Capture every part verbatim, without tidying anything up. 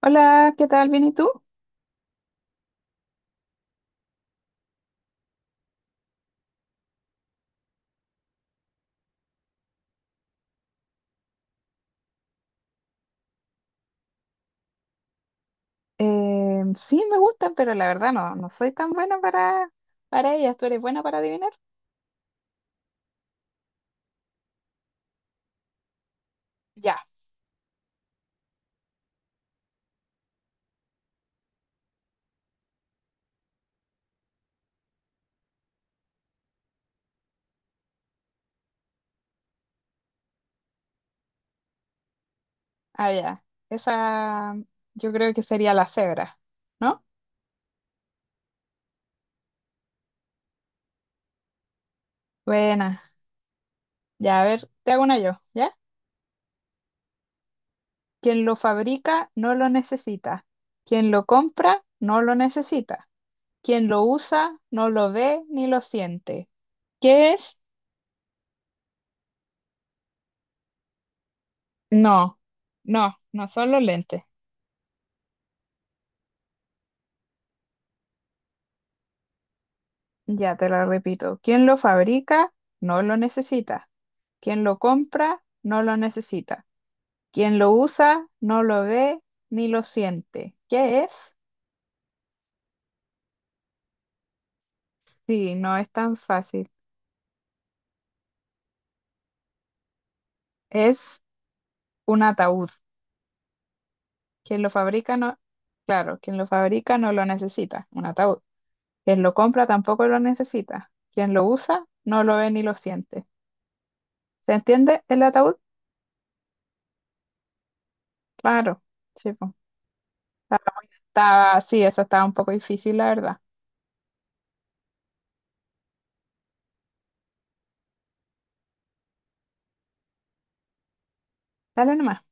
Hola, ¿qué tal? ¿Bien y tú? Eh, sí, me gustan, pero la verdad no, no soy tan buena para, para ellas. ¿Tú eres buena para adivinar? Ya, ah, ya. Esa yo creo que sería la cebra, ¿no? Buena. Ya, a ver, te hago una yo, ¿ya? Quien lo fabrica no lo necesita. Quien lo compra no lo necesita. Quien lo usa no lo ve ni lo siente. ¿Qué es? No, no, no son los lentes. Ya te la repito. Quien lo fabrica, no lo necesita. Quien lo compra, no lo necesita. Quien lo usa, no lo ve ni lo siente. ¿Qué es? Sí, no es tan fácil. Es un ataúd. Quien lo fabrica, no... Claro, quien lo fabrica no lo necesita. Un ataúd. Quien lo compra tampoco lo necesita. Quien lo usa, no lo ve ni lo siente. ¿Se entiende el ataúd? Claro. Sí, po. Estaba, sí, eso estaba un poco difícil, la verdad. Dale nomás.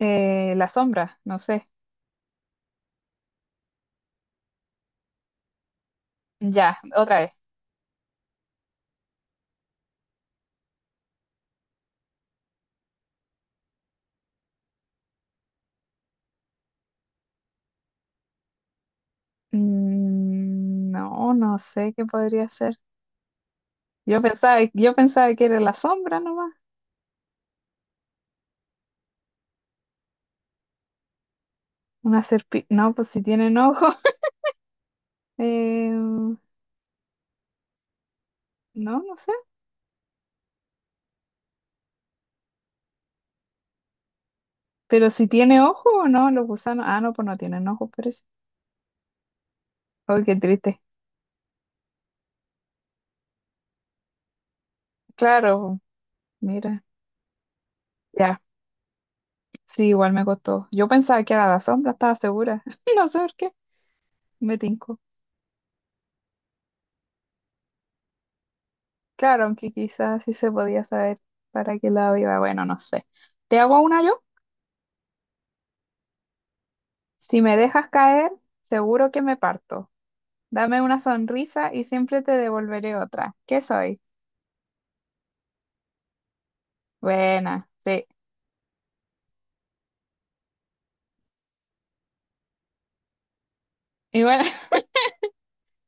Eh, la sombra, no sé. Ya, otra vez. Mm, no, no sé qué podría ser. Yo pensaba, yo pensaba que era la sombra nomás. Una serpiente. No, pues si tienen ojo. Eh, no, no sé. Pero si tiene ojo o no, los gusanos. Ah, no, pues no tienen ojo, parece. Ay, qué triste. Claro, mira. Ya, sí, igual me costó. Yo pensaba que era la sombra, estaba segura. No sé por qué. Me tincó. Claro, aunque quizás sí se podía saber para qué lado iba. Bueno, no sé. ¿Te hago una yo? Si me dejas caer, seguro que me parto. Dame una sonrisa y siempre te devolveré otra. ¿Qué soy? Buena, sí. Igual,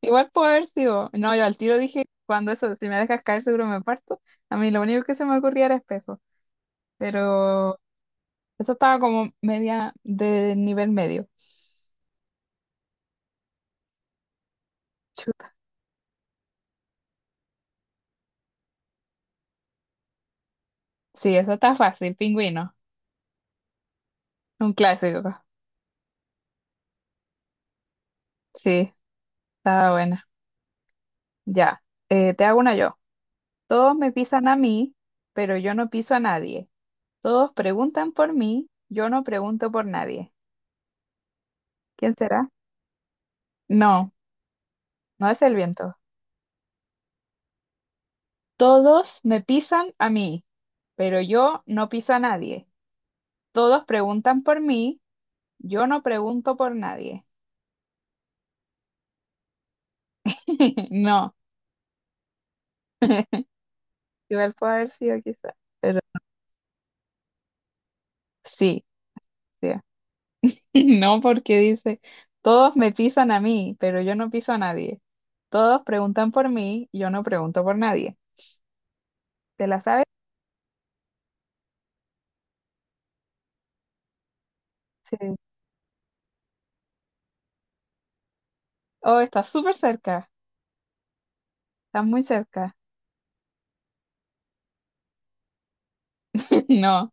igual puedo haber sido. No, yo al tiro dije, cuando eso, si me dejas caer, seguro me parto. A mí lo único que se me ocurría era espejo. Pero eso estaba como media de nivel medio. Chuta. Sí, eso está fácil, pingüino. Un clásico. Sí, estaba buena. Ya, eh, te hago una yo. Todos me pisan a mí, pero yo no piso a nadie. Todos preguntan por mí, yo no pregunto por nadie. ¿Quién será? No, no es el viento. Todos me pisan a mí, pero yo no piso a nadie. Todos preguntan por mí, yo no pregunto por nadie. No, igual puede haber sido quizás, pero sí, sí. No, porque dice, todos me pisan a mí, pero yo no piso a nadie. Todos preguntan por mí, yo no pregunto por nadie. ¿Te la sabes? Sí. Oh, está súper cerca, está muy cerca. No,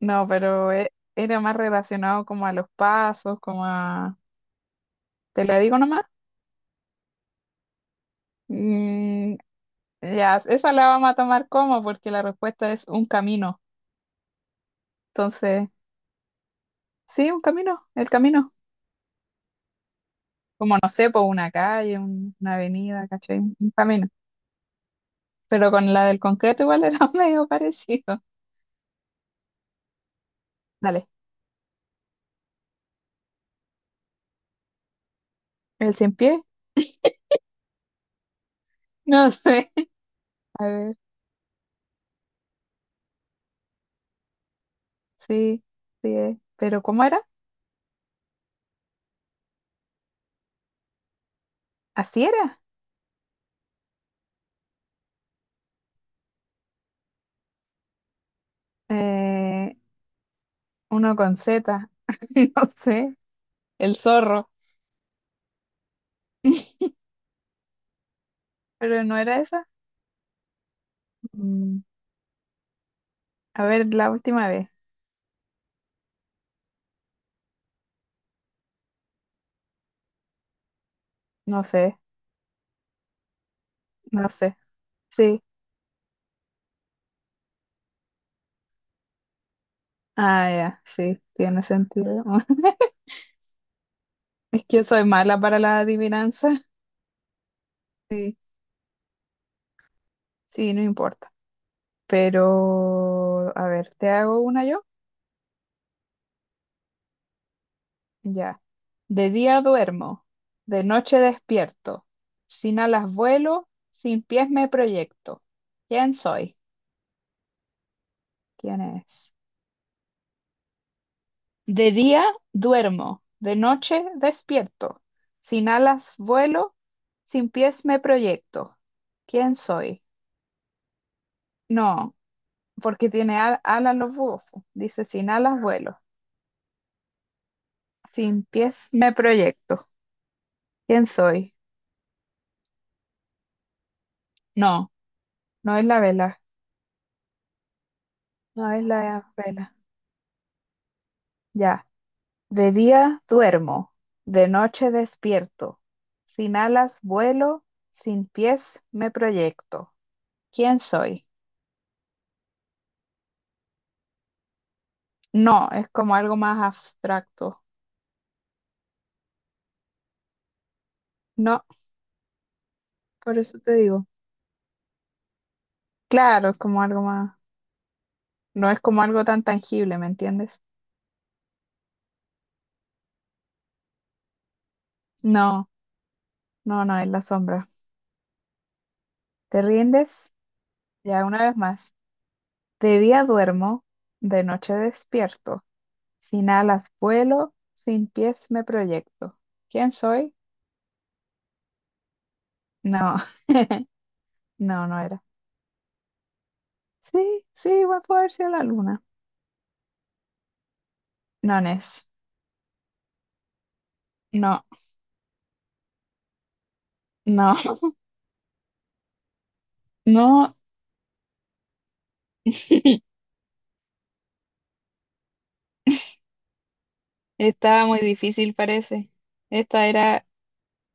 no, pero e- era más relacionado como a los pasos, como a... ¿Te la digo nomás? Mm, ya, esa la vamos a tomar como, porque la respuesta es un camino. Entonces, sí, un camino, el camino. Como no sé, por una calle, un- una avenida, ¿cachai? Un camino. Pero con la del concreto igual era medio parecido. Dale, el cien pie, no sé. A ver, sí, sí es. Pero ¿cómo era? Así era. Eh, Uno con Z, no sé, el zorro. Pero no era esa. Mm, a ver, la última vez. No sé, no sé. Sí. Ah, ya, sí, tiene sentido. Es que soy mala para la adivinanza. Sí, sí, no importa. Pero, a ver, ¿te hago una yo? Ya. De día duermo, de noche despierto. Sin alas vuelo, sin pies me proyecto. ¿Quién soy? ¿Quién es? De día duermo, de noche despierto. Sin alas vuelo, sin pies me proyecto. ¿Quién soy? No, porque tiene al- alas los búhos, po. Dice, sin alas vuelo, sin pies me proyecto. ¿Quién soy? No, no es la vela, no es la vela. Ya. De día duermo, de noche despierto. Sin alas vuelo, sin pies me proyecto. ¿Quién soy? No, es como algo más abstracto. No, por eso te digo. Claro, es como algo más. No es como algo tan tangible, ¿me entiendes? No, no, no, es la sombra. ¿Te rindes? Ya una vez más. De día duermo, de noche despierto. Sin alas vuelo, sin pies me proyecto. ¿Quién soy? No, no, no era. Sí, sí, va a poder ser la luna. No, Nes. No, no, no. Estaba muy difícil, parece. Esta era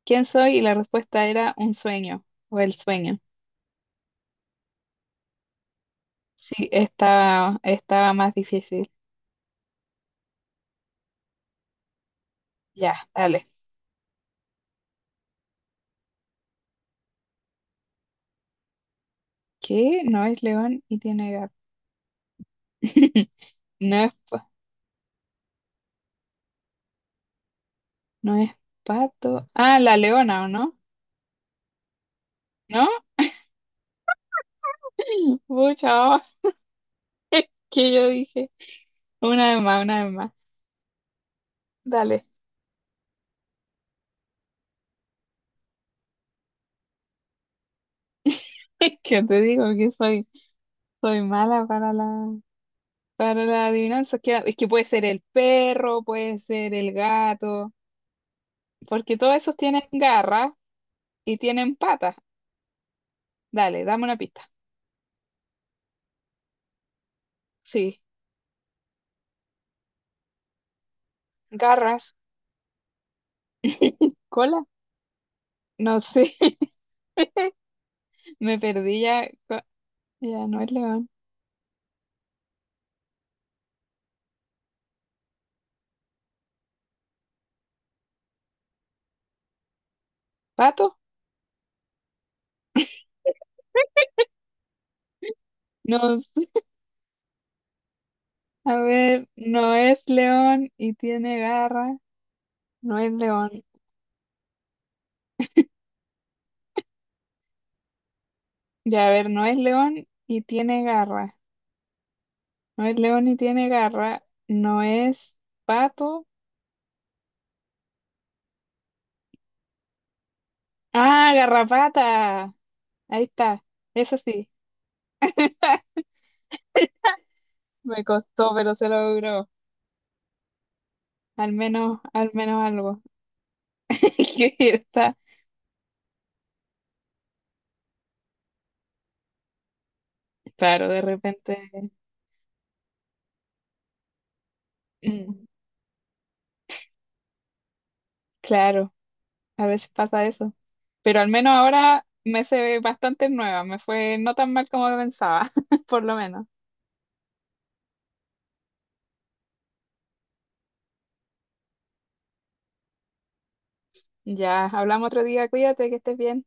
¿quién soy? Y la respuesta era un sueño o el sueño. Sí, estaba, estaba más difícil. Ya, dale. ¿Qué? No es león y tiene gato. No es, pa- no es pato. Ah, la leona, ¿o no? ¿No? Pucha, oh, que yo dije. Una vez más, una vez más. Dale. ¿Qué te digo que soy? Soy mala para la, para la adivinanza. Es que, es que puede ser el perro, puede ser el gato, porque todos esos tienen garras y tienen patas. Dale, dame una pista. Sí, garras, cola. No sé, me perdí ya. Co- Ya no es león. ¿Pato? No, a ver, no es león y tiene garras. No es león. Ya, a ver, no es león y tiene garras. No es león y tiene garra. No es pato. Ah, garrapata. Ahí está. Eso sí. Me costó, pero se logró. Al menos, al menos algo. Que está. Claro, de repente. Mm, claro, a veces pasa eso. Pero al menos ahora me se bastante nueva. Me fue no tan mal como pensaba, por lo menos. Ya, hablamos otro día. Cuídate, que estés bien.